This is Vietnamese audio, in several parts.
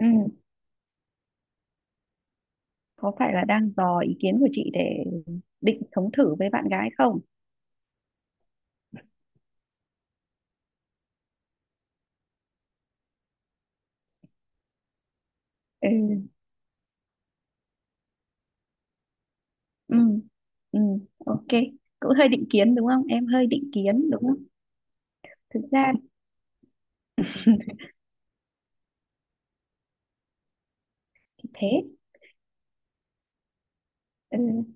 Ừ, có phải là đang dò ý kiến của chị để định sống thử với bạn gái không? Ừ, ừ, ừ, ok. Cũng hơi định kiến đúng không? Em hơi định kiến đúng không? Thực ra thì thế. Ừ,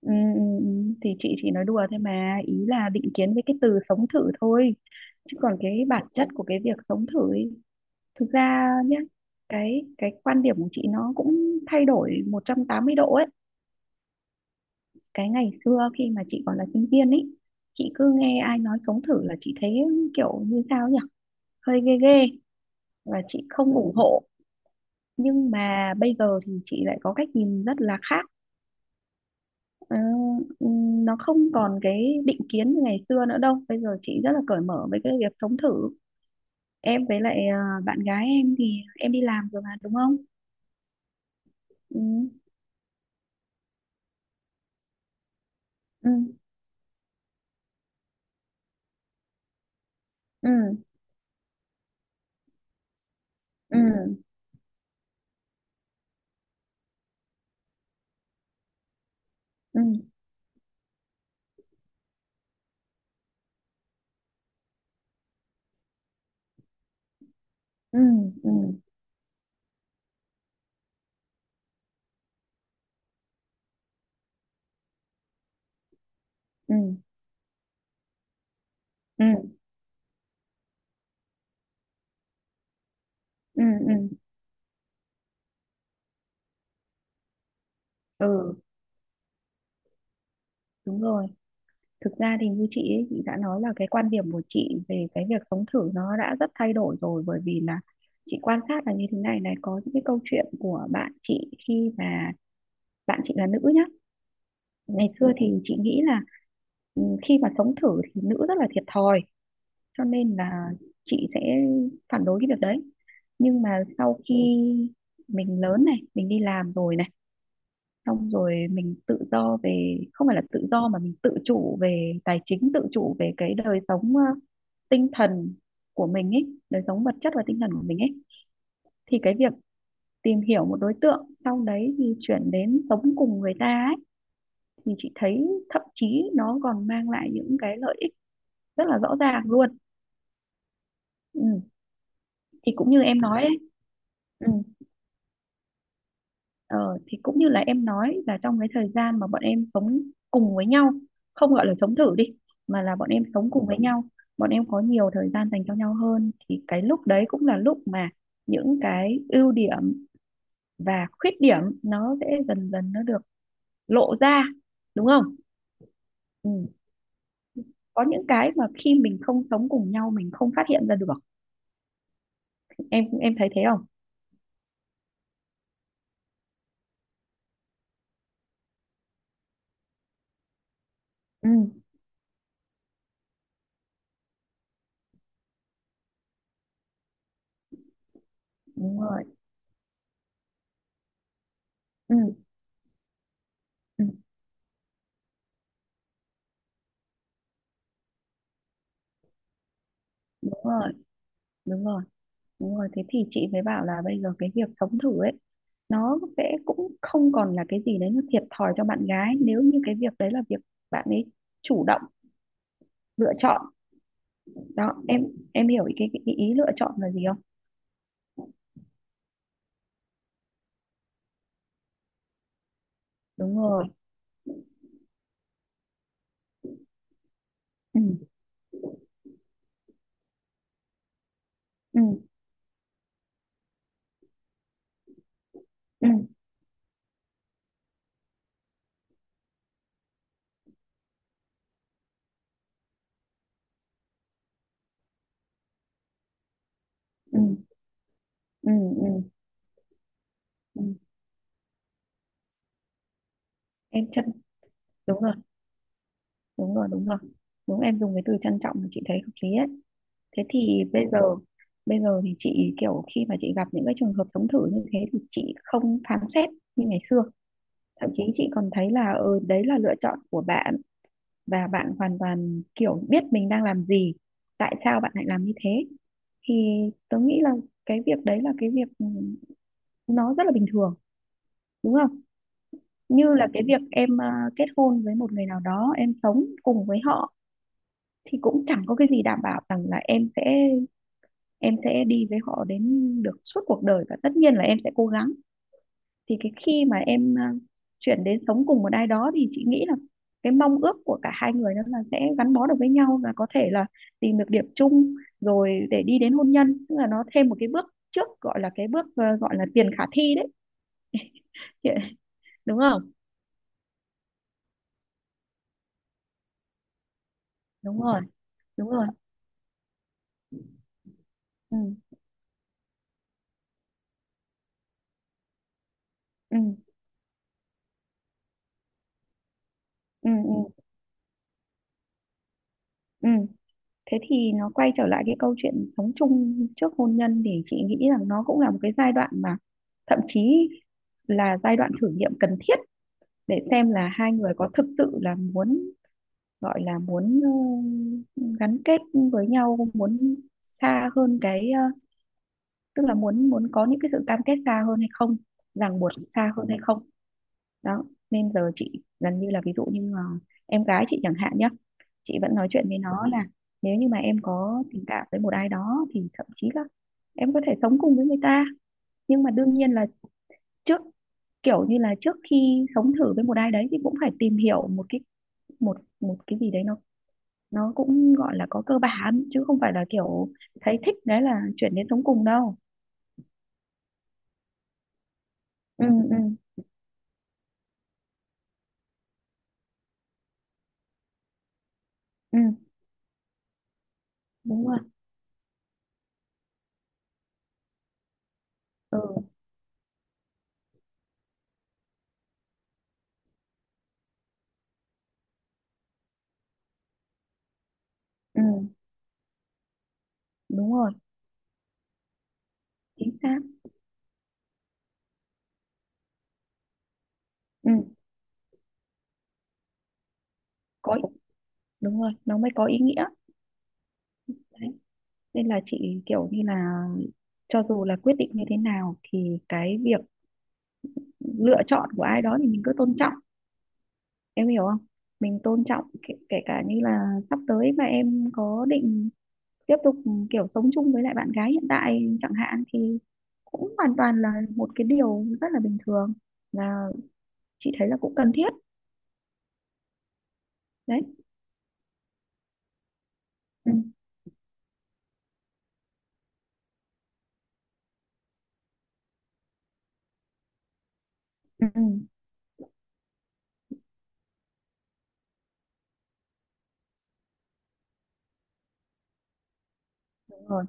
ừ, thì chị chỉ nói đùa thôi mà. Ý là định kiến với cái từ sống thử thôi. Chứ còn cái bản chất của cái việc sống thử ấy, thực ra nhá, cái quan điểm của chị nó cũng thay đổi 180 độ ấy. Cái ngày xưa khi mà chị còn là sinh viên ấy, chị cứ nghe ai nói sống thử là chị thấy kiểu như sao nhỉ, hơi ghê ghê và chị không ủng hộ. Nhưng mà bây giờ thì chị lại có cách nhìn rất là khác. Ờ, nó không còn cái định kiến như ngày xưa nữa đâu, bây giờ chị rất là cởi mở với cái việc sống thử. Em với lại bạn gái em thì em đi làm rồi mà đúng không? Ừ ừ ừ ừ ừ ừ ừ ừ ừ ừ ừ ừ ừ, Ừ, Đúng rồi, thực ra thì như chị ấy, chị đã nói là cái quan điểm của chị về cái việc sống thử nó đã rất thay đổi rồi, bởi vì là chị quan sát là như thế này này, có những cái câu chuyện của bạn chị khi mà bạn chị là nữ nhá. Ngày xưa thì chị nghĩ là ừ, khi mà sống thử thì nữ rất là thiệt thòi, cho nên là chị sẽ phản đối cái việc đấy. Nhưng mà sau khi mình lớn này, mình đi làm rồi này, xong rồi mình tự do về, không phải là tự do mà mình tự chủ về tài chính, tự chủ về cái đời sống tinh thần của mình ấy, đời sống vật chất và tinh thần của mình ấy, thì cái việc tìm hiểu một đối tượng sau đấy thì chuyển đến sống cùng người ta ấy, thì chị thấy thậm chí nó còn mang lại những cái lợi ích rất là rõ ràng luôn. Ừ. Thì cũng như em nói ấy. Ừ. Ờ, thì cũng như là em nói là trong cái thời gian mà bọn em sống cùng với nhau, không gọi là sống thử đi mà là bọn em sống cùng với nhau, bọn em có nhiều thời gian dành cho nhau hơn, thì cái lúc đấy cũng là lúc mà những cái ưu điểm và khuyết điểm nó sẽ dần dần nó được lộ ra, đúng không? Ừ. Có những cái mà khi mình không sống cùng nhau mình không phát hiện ra được, em thấy thế không? Ừ đúng rồi. ừ, ừ Đúng rồi, đúng rồi. Đúng rồi, thế thì chị mới bảo là bây giờ cái việc sống thử ấy nó sẽ cũng không còn là cái gì đấy nó thiệt thòi cho bạn gái, nếu như cái việc đấy là việc bạn ấy chủ động lựa chọn. Đó em hiểu cái ý lựa chọn là gì không? Đúng rồi. ừ ừ ừ ừ ừ ừ, ừ. Em trân đúng rồi, đúng rồi đúng rồi. Đúng, em dùng cái từ trân trọng mà chị thấy hợp lý ấy. Thế thì bây giờ, bây giờ thì chị kiểu khi mà chị gặp những cái trường hợp sống thử như thế thì chị không phán xét như ngày xưa. Thậm chí chị còn thấy là ừ, đấy là lựa chọn của bạn và bạn hoàn toàn kiểu biết mình đang làm gì, tại sao bạn lại làm như thế. Thì tớ nghĩ là cái việc đấy là cái việc ừ, nó rất là bình thường đúng không? Như là cái việc em kết hôn với một người nào đó, em sống cùng với họ thì cũng chẳng có cái gì đảm bảo rằng là em sẽ, em sẽ đi với họ đến được suốt cuộc đời, và tất nhiên là em sẽ cố gắng. Thì cái khi mà em chuyển đến sống cùng một ai đó thì chị nghĩ là cái mong ước của cả hai người đó là sẽ gắn bó được với nhau và có thể là tìm được điểm chung, rồi để đi đến hôn nhân, tức là nó thêm một cái bước trước, gọi là cái bước gọi là tiền khả thi đấy. Chị- đúng không? Đúng rồi, đúng rồi. ừ ừ ừ ừ ừ Thế thì nó quay trở lại cái câu chuyện sống chung trước hôn nhân, thì chị nghĩ rằng nó cũng là một cái giai đoạn mà thậm chí là giai đoạn thử nghiệm cần thiết, để xem là hai người có thực sự là muốn, gọi là muốn gắn kết với nhau, muốn xa hơn cái tức là muốn muốn có những cái sự cam kết xa hơn hay không, ràng buộc xa hơn hay không. Đó, nên giờ chị gần như là ví dụ như em gái chị chẳng hạn nhé, chị vẫn nói chuyện với nó là nếu như mà em có tình cảm với một ai đó thì thậm chí là em có thể sống cùng với người ta. Nhưng mà đương nhiên là trước, kiểu như là trước khi sống thử với một ai đấy thì cũng phải tìm hiểu một cái, một một cái gì đấy nó cũng gọi là có cơ bản, chứ không phải là kiểu thấy thích đấy là chuyển đến sống cùng đâu. ừ ừ ừ Đúng rồi. ừ ừ Đúng rồi. Chính xác. Ừ có Đúng rồi, nó mới có ý nghĩa. Đấy, nên là chị kiểu như là cho dù là quyết định như thế nào thì cái việc lựa chọn của ai đó thì mình cứ tôn trọng, em hiểu không? Mình tôn trọng kể, kể cả như là sắp tới mà em có định tiếp tục kiểu sống chung với lại bạn gái hiện tại chẳng hạn, thì cũng hoàn toàn là một cái điều rất là bình thường, và chị thấy là cũng cần thiết. Đấy. ừ, ừ, ừ, Đúng rồi,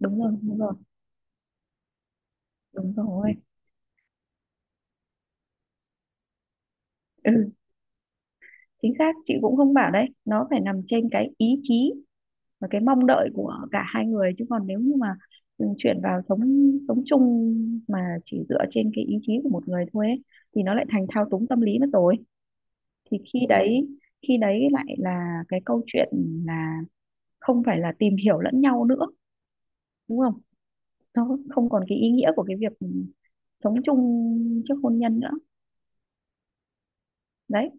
đúng rồi, đúng rồi, đúng rồi. ừ, Chính xác, chị cũng không bảo, đấy nó phải nằm trên cái ý chí và cái mong đợi của cả hai người. Chứ còn nếu như mà chuyển vào sống sống chung mà chỉ dựa trên cái ý chí của một người thôi ấy, thì nó lại thành thao túng tâm lý mất rồi. Thì khi đấy, khi đấy lại là cái câu chuyện là không phải là tìm hiểu lẫn nhau nữa, đúng không? Nó không còn cái ý nghĩa của cái việc sống chung trước hôn nhân nữa. Đấy.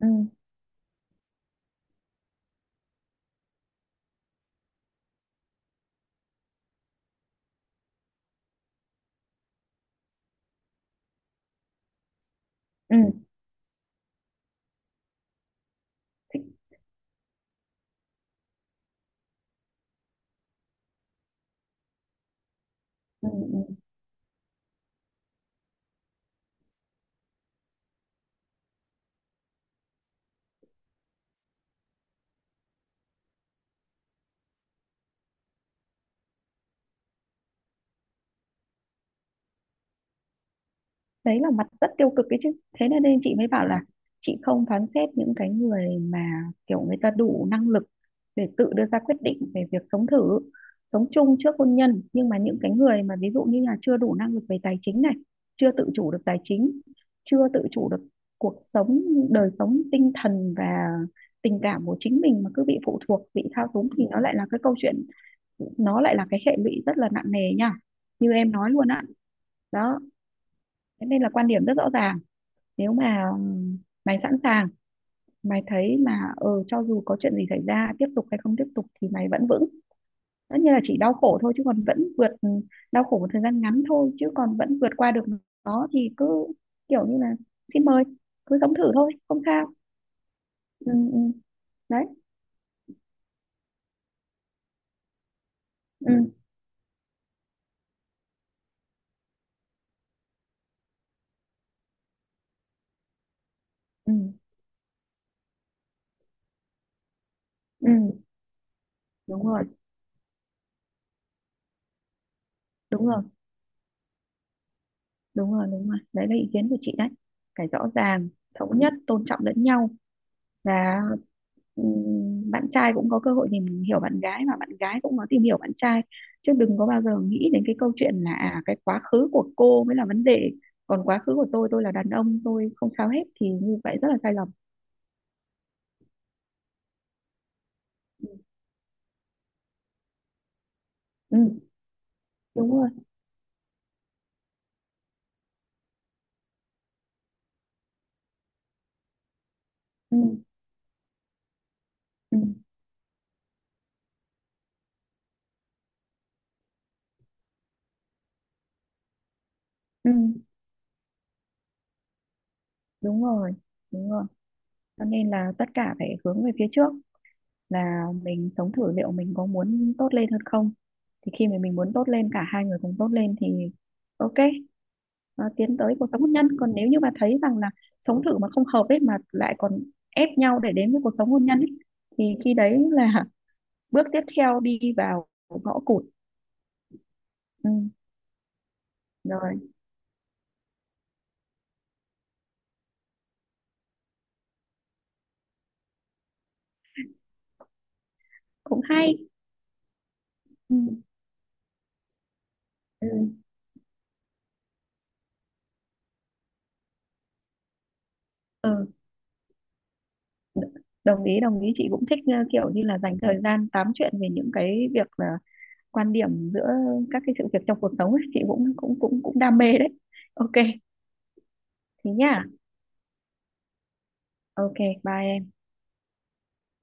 ừ ừ Thích. ừ, ừ. Đấy là mặt rất tiêu cực ấy chứ. Thế nên, nên chị mới bảo là chị không phán xét những cái người mà kiểu người ta đủ năng lực để tự đưa ra quyết định về việc sống thử, sống chung trước hôn nhân. Nhưng mà những cái người mà ví dụ như là chưa đủ năng lực về tài chính này, chưa tự chủ được tài chính, chưa tự chủ được cuộc sống, đời sống tinh thần và tình cảm của chính mình mà cứ bị phụ thuộc, bị thao túng, thì nó lại là cái câu chuyện, nó lại là cái hệ lụy rất là nặng nề nha, như em nói luôn á. Đó. Thế nên là quan điểm rất rõ ràng, nếu mà mày sẵn sàng, mày thấy mà ờ cho dù có chuyện gì xảy ra tiếp tục hay không tiếp tục thì mày vẫn vững, tất nhiên là chỉ đau khổ thôi chứ còn vẫn vượt đau khổ một thời gian ngắn thôi chứ còn vẫn vượt qua được nó, thì cứ kiểu như là xin mời, cứ sống thử thôi không sao. ừ, ừ. Đấy. ừ, ừ, ừ. Đúng rồi, đúng rồi, đúng rồi, đúng rồi, đấy là ý kiến của chị đấy. Phải rõ ràng, thống nhất, tôn trọng lẫn nhau, và bạn trai cũng có cơ hội tìm hiểu bạn gái và bạn gái cũng có tìm hiểu bạn trai. Chứ đừng có bao giờ nghĩ đến cái câu chuyện là à, cái quá khứ của cô mới là vấn đề, còn quá khứ của tôi là đàn ông tôi không sao hết, thì như vậy rất là sai lầm. ừ, ừ, Đúng rồi. ừ, ừ, ừ, Đúng rồi, đúng rồi. Cho nên là tất cả phải hướng về phía trước, là mình sống thử liệu mình có muốn tốt lên hơn không. Thì khi mà mình muốn tốt lên, cả hai người cùng tốt lên thì ok, tiến tới cuộc sống hôn nhân. Còn nếu như mà thấy rằng là sống thử mà không hợp ấy mà lại còn ép nhau để đến với cuộc sống hôn nhân ấy, thì khi đấy là bước tiếp theo đi vào ngõ cụt. ừ, Rồi, cũng hay. ừ, ừ, ừ. Đồng ý, đồng ý, chị cũng thích kiểu như là dành thời gian tám chuyện về những cái việc là quan điểm giữa các cái sự việc trong cuộc sống ấy. Chị cũng cũng cũng cũng đam mê đấy. Ok. Thế nhá. Ok. Bye em.